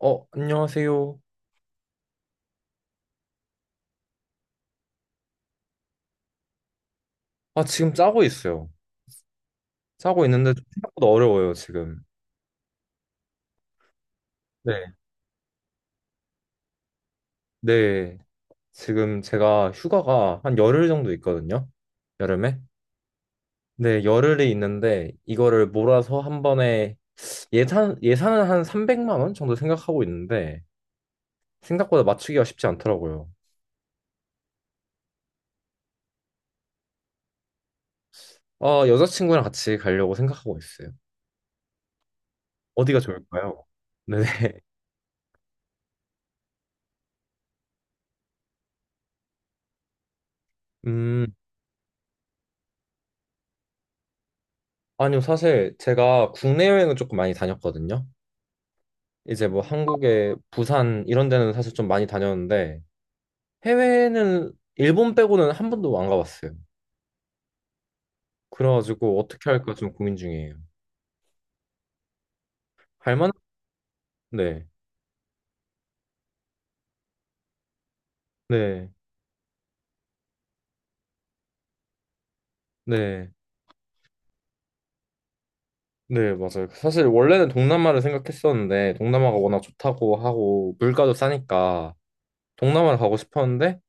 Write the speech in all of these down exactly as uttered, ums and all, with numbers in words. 어, 안녕하세요. 아, 지금 짜고 있어요. 짜고 있는데 좀 생각보다 어려워요, 지금. 네. 네. 지금 제가 휴가가 한 열흘 정도 있거든요. 여름에. 네, 열흘이 있는데 이거를 몰아서 한 번에 예산 예산은 한 삼백만 원 정도 생각하고 있는데 생각보다 맞추기가 쉽지 않더라고요. 아, 여자친구랑 같이 가려고 생각하고 있어요. 어디가 좋을까요? 네. 음, 아니요. 사실 제가 국내 여행을 조금 많이 다녔거든요. 이제 뭐 한국의 부산 이런 데는 사실 좀 많이 다녔는데 해외는 일본 빼고는 한 번도 안 가봤어요. 그래가지고 어떻게 할까 좀 고민 중이에요. 할 만한? 네, 네, 네, 네, 맞아요. 사실 원래는 동남아를 생각했었는데 동남아가 워낙 좋다고 하고 물가도 싸니까 동남아를 가고 싶었는데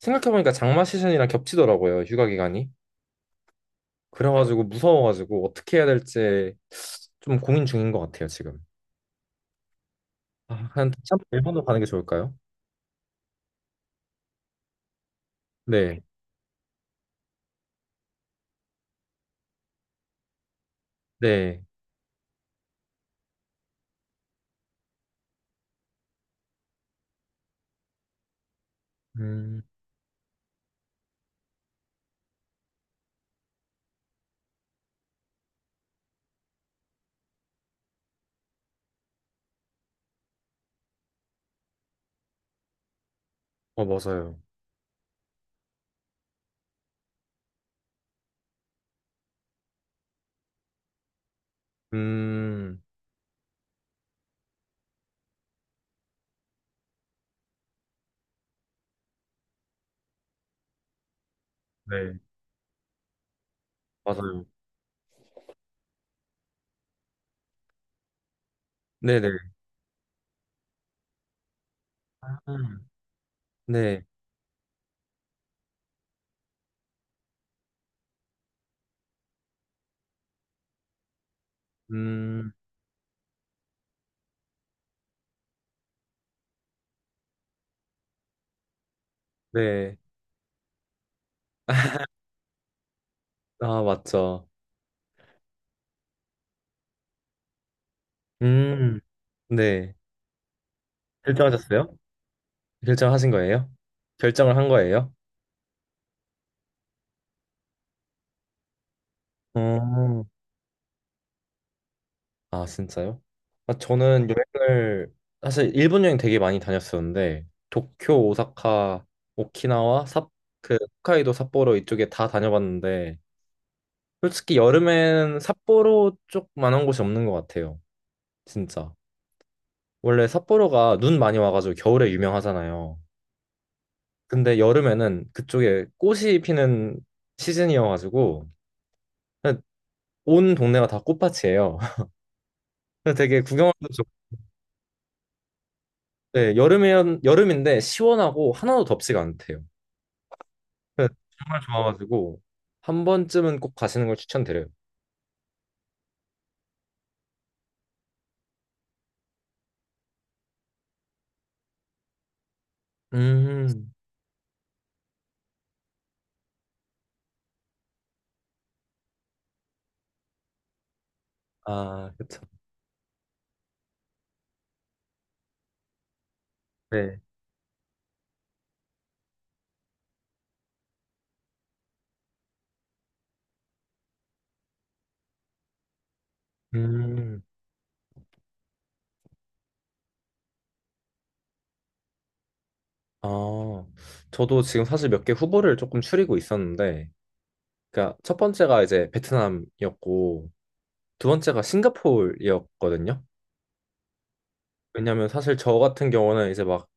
생각해보니까 장마 시즌이랑 겹치더라고요. 휴가 기간이. 그래가지고 무서워가지고 어떻게 해야 될지 좀 고민 중인 것 같아요, 지금. 아, 한 다시 한번 일본으로 가는 게 좋을까요? 네. 네. 음, 어, 맞아요. 음, 네, 맞아요. 네네. 아, 네. 음, 네. 아, 맞죠. 음, 네. 결정하셨어요? 결정하신 거예요? 결정을 한 거예요? 어, 아, 진짜요? 아, 저는 여행을, 사실 일본 여행 되게 많이 다녔었는데, 도쿄, 오사카, 오키나와, 삿, 그, 홋카이도, 삿포로 이쪽에 다 다녀봤는데, 솔직히 여름엔 삿포로 쪽만한 곳이 없는 것 같아요. 진짜. 원래 삿포로가 눈 많이 와가지고 겨울에 유명하잖아요. 근데 여름에는 그쪽에 꽃이 피는 시즌이어가지고 그냥 온 동네가 다 꽃밭이에요. 그래서 되게 구경하기도 좋고 네, 여름에 여름인데 시원하고 하나도 덥지가 않대요. 그래서 정말 좋아가지고 한 번쯤은 꼭 가시는 걸 추천드려요. 음, 아, 그쵸. 네. 음. 아, 저도 지금 사실 몇 개 후보를 조금 추리고 있었는데, 그러니까 첫 번째가 이제 베트남이었고, 두 번째가 싱가포르였거든요. 왜냐면 사실 저 같은 경우는 이제 막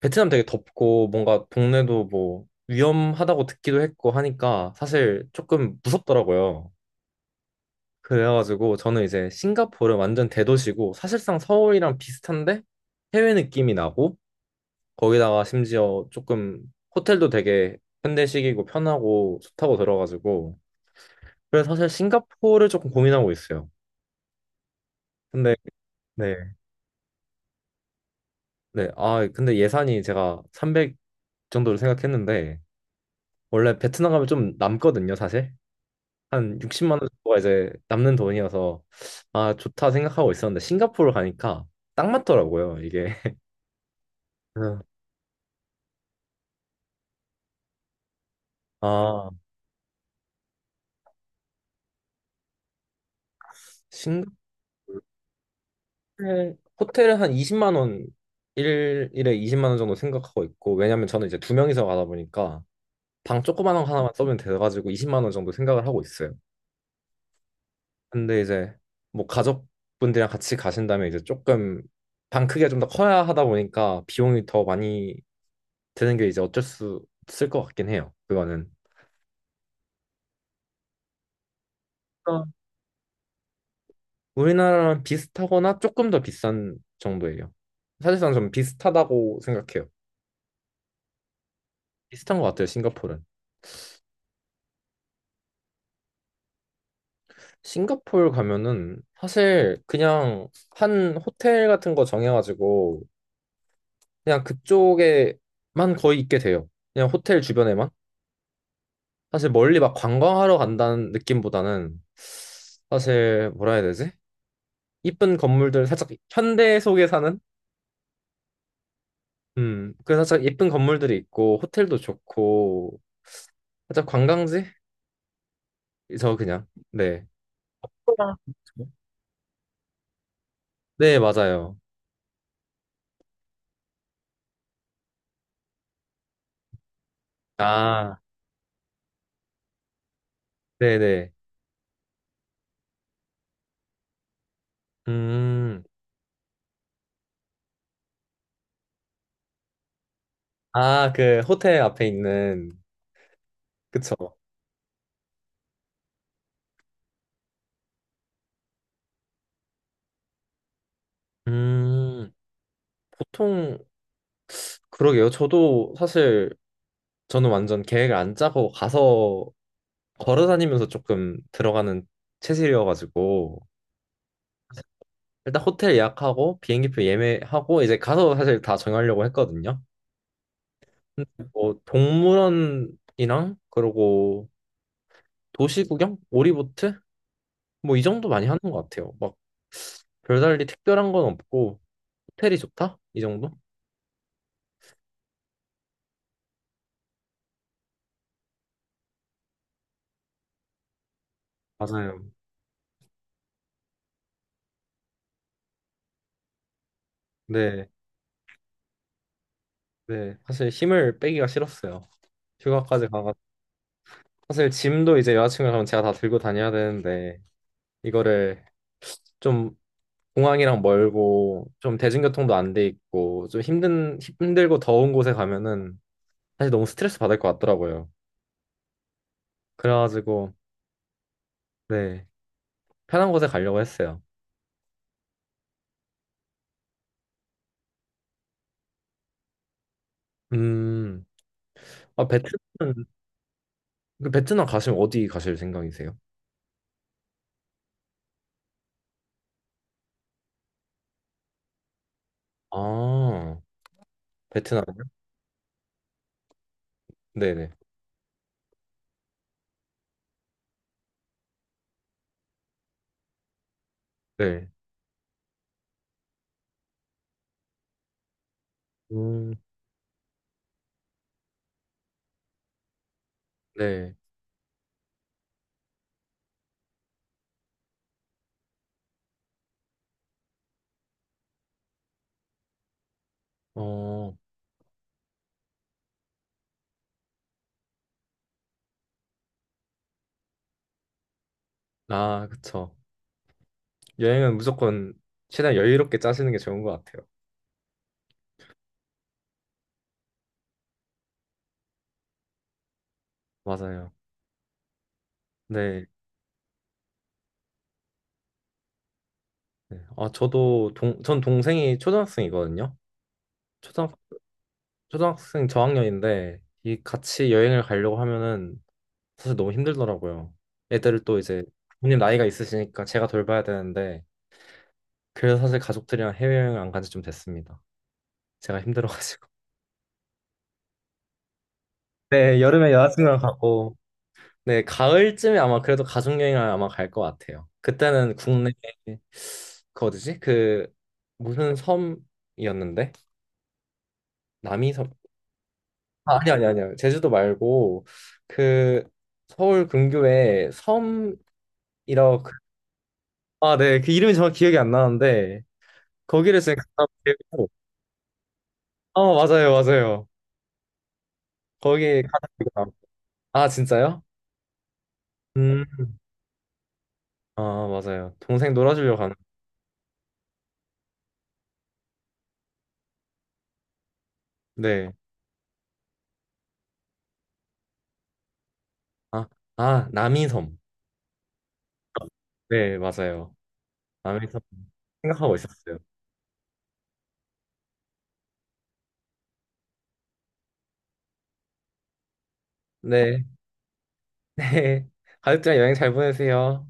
베트남 되게 덥고 뭔가 동네도 뭐 위험하다고 듣기도 했고 하니까 사실 조금 무섭더라고요. 그래가지고 저는 이제 싱가포르 완전 대도시고 사실상 서울이랑 비슷한데 해외 느낌이 나고 거기다가 심지어 조금 호텔도 되게 현대식이고 편하고 좋다고 들어가지고 그래서 사실 싱가포르를 조금 고민하고 있어요. 근데 네, 네, 아 근데 예산이 제가 삼백 정도를 생각했는데 원래 베트남 가면 좀 남거든요, 사실. 한 육십만 원 정도가 이제 남는 돈이어서 아 좋다 생각하고 있었는데 싱가포르 가니까 딱 맞더라고요, 이게. 그래서 아 싱가포르 호텔, 호텔은 한 이십만 원, 일, 일에 이십만 원 정도 생각하고 있고, 왜냐면 저는 이제 두 명이서 가다 보니까 방 조그만 거 하나만 써면 돼가지고 이십만 원 정도 생각을 하고 있어요. 근데 이제 뭐 가족분들이랑 같이 가신다면 이제 조금 방 크기가 좀 더 커야 하다 보니까 비용이 더 많이 드는 게 이제 어쩔 수 없을 것 같긴 해요. 그거는. 그러니까 우리나라랑 비슷하거나 조금 더 비싼 정도예요. 사실상 좀 비슷하다고 생각해요. 비슷한 것 같아요, 싱가포르는. 싱가포르 가면은 사실 그냥 한 호텔 같은 거 정해가지고 그냥 그쪽에만 거의 있게 돼요. 그냥 호텔 주변에만. 사실 멀리 막 관광하러 간다는 느낌보다는 사실 뭐라 해야 되지? 이쁜 건물들 살짝 현대 속에 사는? 음, 그 살짝 예쁜 건물들이 있고 호텔도 좋고 살짝 관광지? 저 그냥 네. 네, 맞아요. 아, 네네. 음. 아, 그 호텔 앞에 있는 그쵸? 음, 보통 그러게요. 저도 사실 저는 완전 계획을 안 짜고 가서 걸어 다니면서 조금 들어가는 체질이어가지고 일단 호텔 예약하고 비행기표 예매하고 이제 가서 사실 다 정하려고 했거든요. 근데 뭐 동물원이랑 그러고 도시 구경, 오리보트 뭐 이 정도 많이 하는 것 같아요. 막 별달리 특별한 건 없고 호텔이 좋다 이 정도? 맞아요. 네. 네, 사실 힘을 빼기가 싫었어요. 휴가까지 가가 사실 짐도 이제 여자친구랑 가면 제가 다 들고 다녀야 되는데 이거를 좀 공항이랑 멀고 좀 대중교통도 안 돼 있고 좀 힘든 힘들고 더운 곳에 가면은 사실 너무 스트레스 받을 것 같더라고요. 그래가지고 네 편한 곳에 가려고 했어요. 음, 아 베트남 그 베트남 가시면 어디 가실 생각이세요? 아 베트남요? 네네 네. 음, 네. 어, 아 그쵸. 여행은 무조건 최대한 여유롭게 짜시는 게 좋은 것 같아요. 맞아요. 네. 네. 아, 저도 동, 전 동생이 초등학생이거든요. 초등, 초등학생 저학년인데, 이 같이 여행을 가려고 하면은 사실 너무 힘들더라고요. 애들을 또 이제 부모님 나이가 있으시니까 제가 돌봐야 되는데, 그래서 사실 가족들이랑 해외여행 안 간지 좀 됐습니다. 제가 힘들어가지고. 네, 여름에 여자친구랑 가고, 네, 가을쯤에 아마 그래도 가족 여행을 아마 갈 것 같아요. 그때는 국내 그 어디지? 그 무슨 섬이었는데? 남이섬. 아, 아니 아니 아니요. 제주도 말고 그 서울 근교에 섬이라고 그- 아, 네. 그 이름이 정확히 기억이 안 나는데 거기를 지금 갔다 오고 아, 맞아요. 맞아요. 거기 가다 보니까- 아, 진짜요? 음. 아, 맞아요. 동생 놀아주려고 가는. 네. 아, 아, 남이섬. 네, 맞아요. 남이섬. 생각하고 있었어요. 네. 네. 가족들이랑 여행 잘 보내세요.